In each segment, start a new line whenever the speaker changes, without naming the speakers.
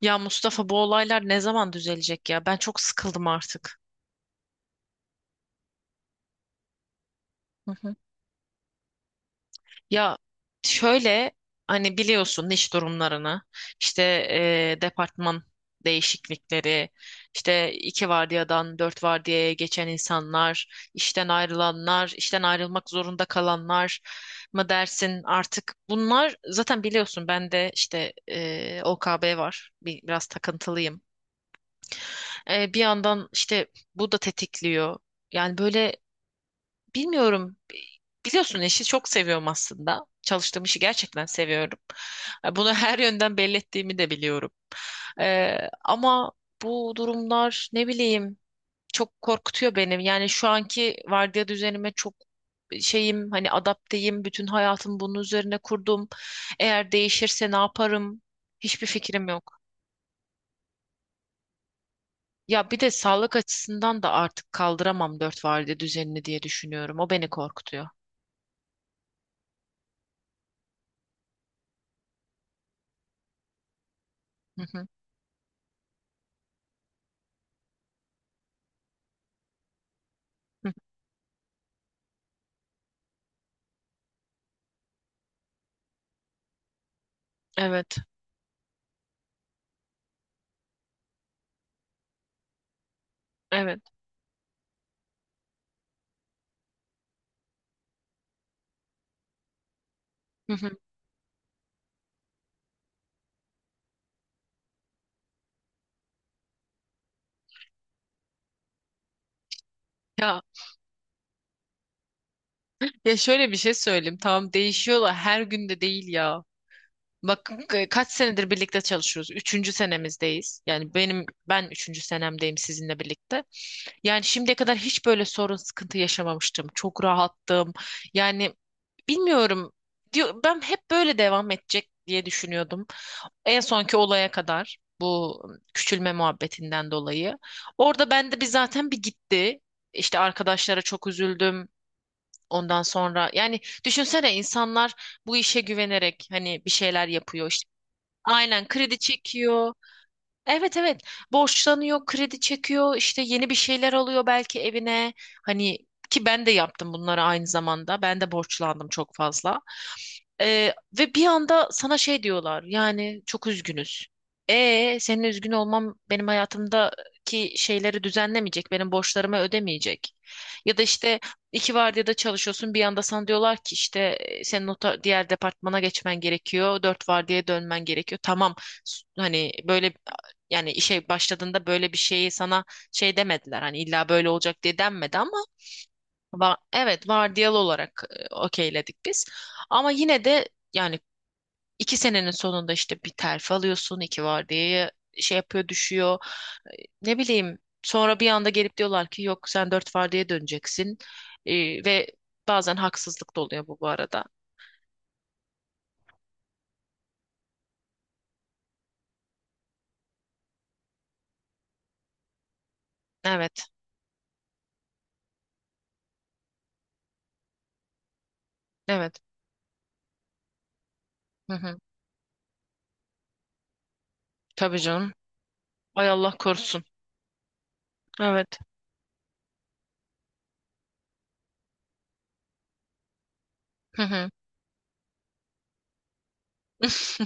Ya Mustafa, bu olaylar ne zaman düzelecek ya? Ben çok sıkıldım artık. Hı hı. Ya şöyle, hani biliyorsun iş durumlarını, işte departman değişiklikleri, işte iki vardiyadan dört vardiyaya geçen insanlar, işten ayrılanlar, işten ayrılmak zorunda kalanlar mı dersin artık. Bunlar zaten biliyorsun, ben de işte OKB var, biraz takıntılıyım. Bir yandan işte bu da tetikliyor, yani böyle. Bilmiyorum. Biliyorsun işi çok seviyorum aslında. Çalıştığım işi gerçekten seviyorum. Bunu her yönden belli ettiğimi de biliyorum. Ee, ama bu durumlar, ne bileyim, çok korkutuyor benim. Yani şu anki vardiya düzenime çok şeyim, hani adapteyim. Bütün hayatım bunun üzerine kurdum. Eğer değişirse ne yaparım? Hiçbir fikrim yok. Ya bir de sağlık açısından da artık kaldıramam dört vardiya düzenini diye düşünüyorum. O beni korkutuyor. Hı hı. Hı. Evet. Evet. Hı hı. Ya ya şöyle bir şey söyleyeyim. Tamam, değişiyorlar, her gün de değil ya. Bak. Hı hı. Kaç senedir birlikte çalışıyoruz. Üçüncü senemizdeyiz. Yani ben üçüncü senemdeyim sizinle birlikte. Yani şimdiye kadar hiç böyle sorun sıkıntı yaşamamıştım. Çok rahattım. Yani bilmiyorum. Diyor, ben hep böyle devam edecek diye düşünüyordum. En sonki olaya kadar, bu küçülme muhabbetinden dolayı. Orada bende bir zaten bir gitti. İşte arkadaşlara çok üzüldüm. Ondan sonra yani, düşünsene, insanlar bu işe güvenerek hani bir şeyler yapıyor işte. Aynen, kredi çekiyor. Evet, evet, borçlanıyor, kredi çekiyor, işte yeni bir şeyler alıyor belki evine. Hani, ki ben de yaptım bunları aynı zamanda. Ben de borçlandım çok fazla. Ee, ve bir anda sana şey diyorlar, yani çok üzgünüz. Senin üzgün olmam benim hayatımdaki şeyleri düzenlemeyecek, benim borçlarımı ödemeyecek. Ya da işte iki vardiyada çalışıyorsun, bir anda sana diyorlar ki işte senin diğer departmana geçmen gerekiyor, dört vardiyaya dönmen gerekiyor. Tamam, hani böyle, yani işe başladığında böyle bir şeyi sana şey demediler. Hani illa böyle olacak diye denmedi ama evet, vardiyalı olarak okeyledik biz. Ama yine de yani iki senenin sonunda işte bir terfi alıyorsun, iki vardiyaya şey yapıyor, düşüyor. Ne bileyim, sonra bir anda gelip diyorlar ki yok, sen dört vardiyaya döneceksin. Ve bazen haksızlık da oluyor, bu arada. Evet, evet. Hı hı. Tabii canım. Ay, Allah korusun. Evet. Hı hı.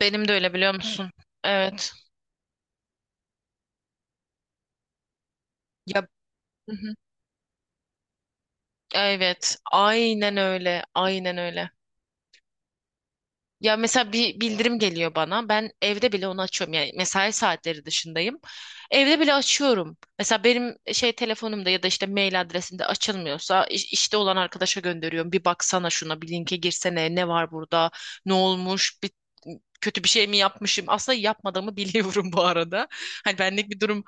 Benim de öyle, biliyor musun? Evet. Ya. Hı hı. Evet, aynen öyle, aynen öyle. Ya mesela bir bildirim geliyor bana. Ben evde bile onu açıyorum. Yani mesai saatleri dışındayım. Evde bile açıyorum. Mesela benim şey telefonumda ya da işte mail adresimde açılmıyorsa işte olan arkadaşa gönderiyorum. Bir baksana şuna, bir linke girsene. Ne var burada? Ne olmuş? Bir kötü bir şey mi yapmışım? Aslında yapmadığımı biliyorum bu arada. Hani, benlik bir durum.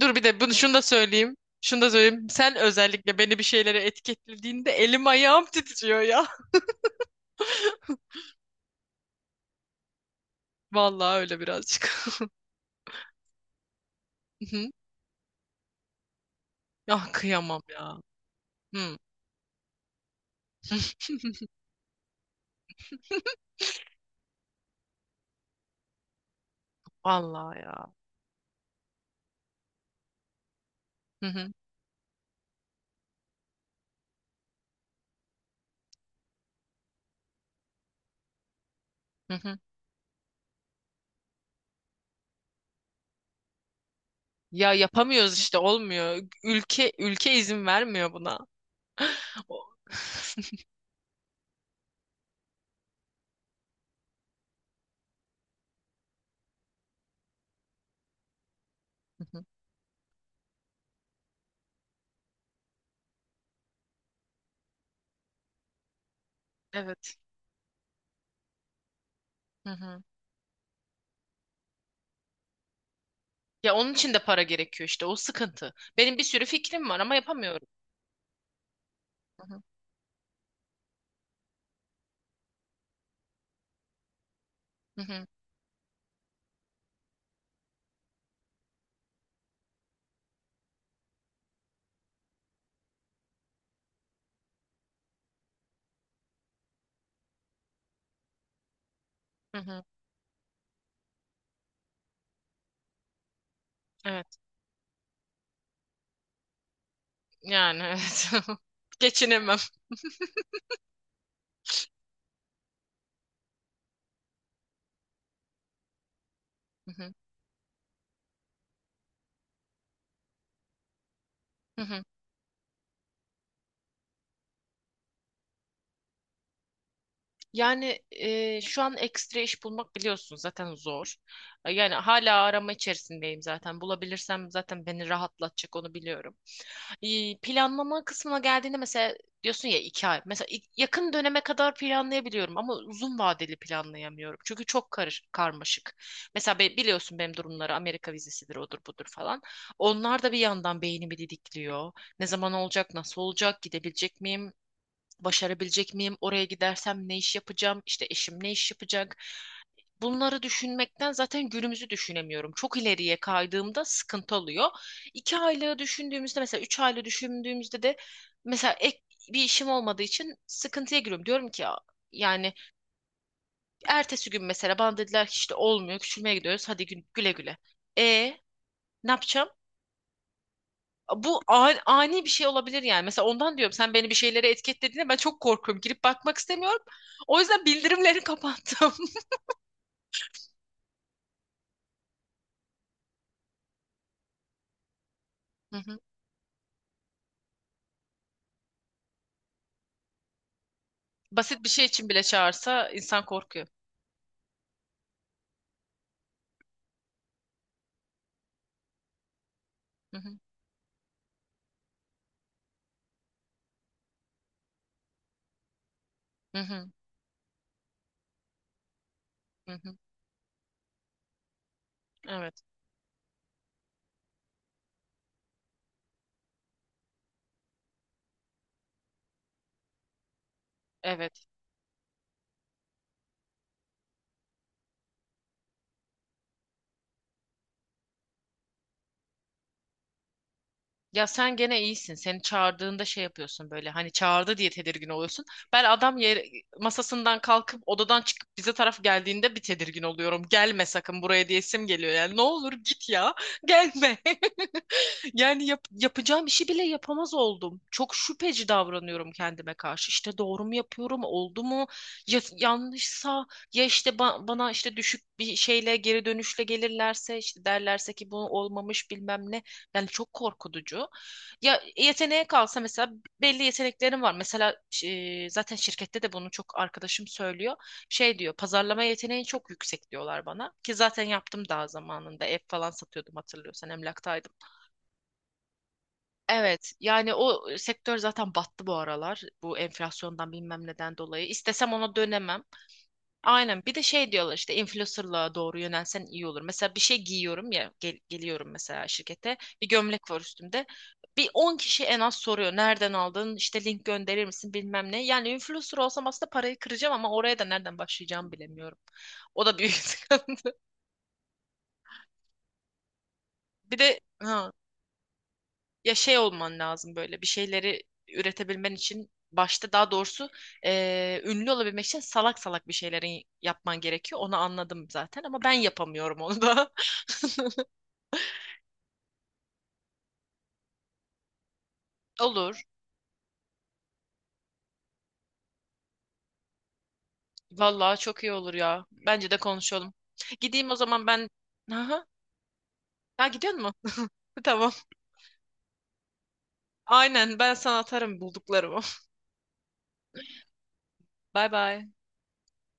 Dur, bir de şunu da söyleyeyim. Şunu da söyleyeyim. Sen özellikle beni bir şeylere etiketlediğinde elim ayağım titriyor ya. Vallahi öyle, birazcık. Hı hı. Ah, kıyamam ya. Hı. Vallahi ya. Hı hı. Hı hı. Ya yapamıyoruz işte, olmuyor. Ülke ülke izin vermiyor buna. O- Hı hı. Evet. Hı hı. Ya, onun için de para gerekiyor, işte o sıkıntı. Benim bir sürü fikrim var ama yapamıyorum. Hı hı. Hı hı. Hı hı. Evet. Yani evet. Geçinemem. Hı hı, hı hı. Yani şu an ekstra iş bulmak, biliyorsun, zaten zor. Yani hala arama içerisindeyim zaten. Bulabilirsem zaten beni rahatlatacak, onu biliyorum. Planlama kısmına geldiğinde, mesela diyorsun ya, iki ay. Mesela yakın döneme kadar planlayabiliyorum ama uzun vadeli planlayamıyorum. Çünkü çok karmaşık. Mesela biliyorsun benim durumları, Amerika vizesidir, odur budur falan. Onlar da bir yandan beynimi didikliyor. Ne zaman olacak, nasıl olacak, gidebilecek miyim? Başarabilecek miyim? Oraya gidersem ne iş yapacağım? İşte eşim ne iş yapacak? Bunları düşünmekten zaten günümüzü düşünemiyorum. Çok ileriye kaydığımda sıkıntı oluyor. İki aylığı düşündüğümüzde, mesela üç aylığı düşündüğümüzde de, mesela ek bir işim olmadığı için sıkıntıya giriyorum. Diyorum ki ya yani, ertesi gün mesela bana dediler ki işte olmuyor, küçülmeye gidiyoruz, hadi güle güle. E Ne yapacağım? Bu ani, ani bir şey olabilir yani. Mesela ondan diyorum, sen beni bir şeylere etiketlediğinde ben çok korkuyorum. Girip bakmak istemiyorum. O yüzden bildirimleri kapattım. Hı hı. Basit bir şey için bile çağırsa insan korkuyor. Hı hı. Hı hı. Hı hı. Evet. Evet. Ya sen gene iyisin. Seni çağırdığında şey yapıyorsun böyle, hani çağırdı diye tedirgin oluyorsun. Ben adam yer, masasından kalkıp odadan çıkıp bize taraf geldiğinde bir tedirgin oluyorum. Gelme sakın buraya, diyesim geliyor yani. Ne olur git ya. Gelme. Yani yapacağım işi bile yapamaz oldum. Çok şüpheci davranıyorum kendime karşı. İşte doğru mu yapıyorum, oldu mu? Ya yanlışsa, ya işte bana işte düşük bir şeyle, geri dönüşle gelirlerse, işte derlerse ki bu olmamış, bilmem ne. Yani çok korkutucu. Ya yeteneğe kalsa, mesela belli yeteneklerim var. Mesela zaten şirkette de bunu çok arkadaşım söylüyor. Şey diyor, pazarlama yeteneğin çok yüksek diyorlar bana. Ki zaten yaptım daha zamanında. Ev falan satıyordum, hatırlıyorsan, emlaktaydım. Evet, yani o sektör zaten battı bu aralar. Bu enflasyondan, bilmem neden dolayı. İstesem ona dönemem. Aynen, bir de şey diyorlar işte, influencer'lığa doğru yönelsen iyi olur. Mesela bir şey giyiyorum ya, geliyorum mesela şirkete, bir gömlek var üstümde. Bir 10 kişi en az soruyor, nereden aldın. İşte link gönderir misin, bilmem ne. Yani influencer olsam aslında parayı kıracağım ama oraya da nereden başlayacağımı bilemiyorum. O da büyük sıkıntı. Bir de ha, ya şey olman lazım, böyle bir şeyleri üretebilmen için başta, daha doğrusu, ünlü olabilmek için salak salak bir şeyleri yapman gerekiyor. Onu anladım zaten ama ben yapamıyorum onu da. Olur. Vallahi çok iyi olur ya. Bence de konuşalım. Gideyim o zaman ben. Aha. Ha, gidiyor mu? Tamam. Aynen, ben sana atarım bulduklarımı. Bay bay.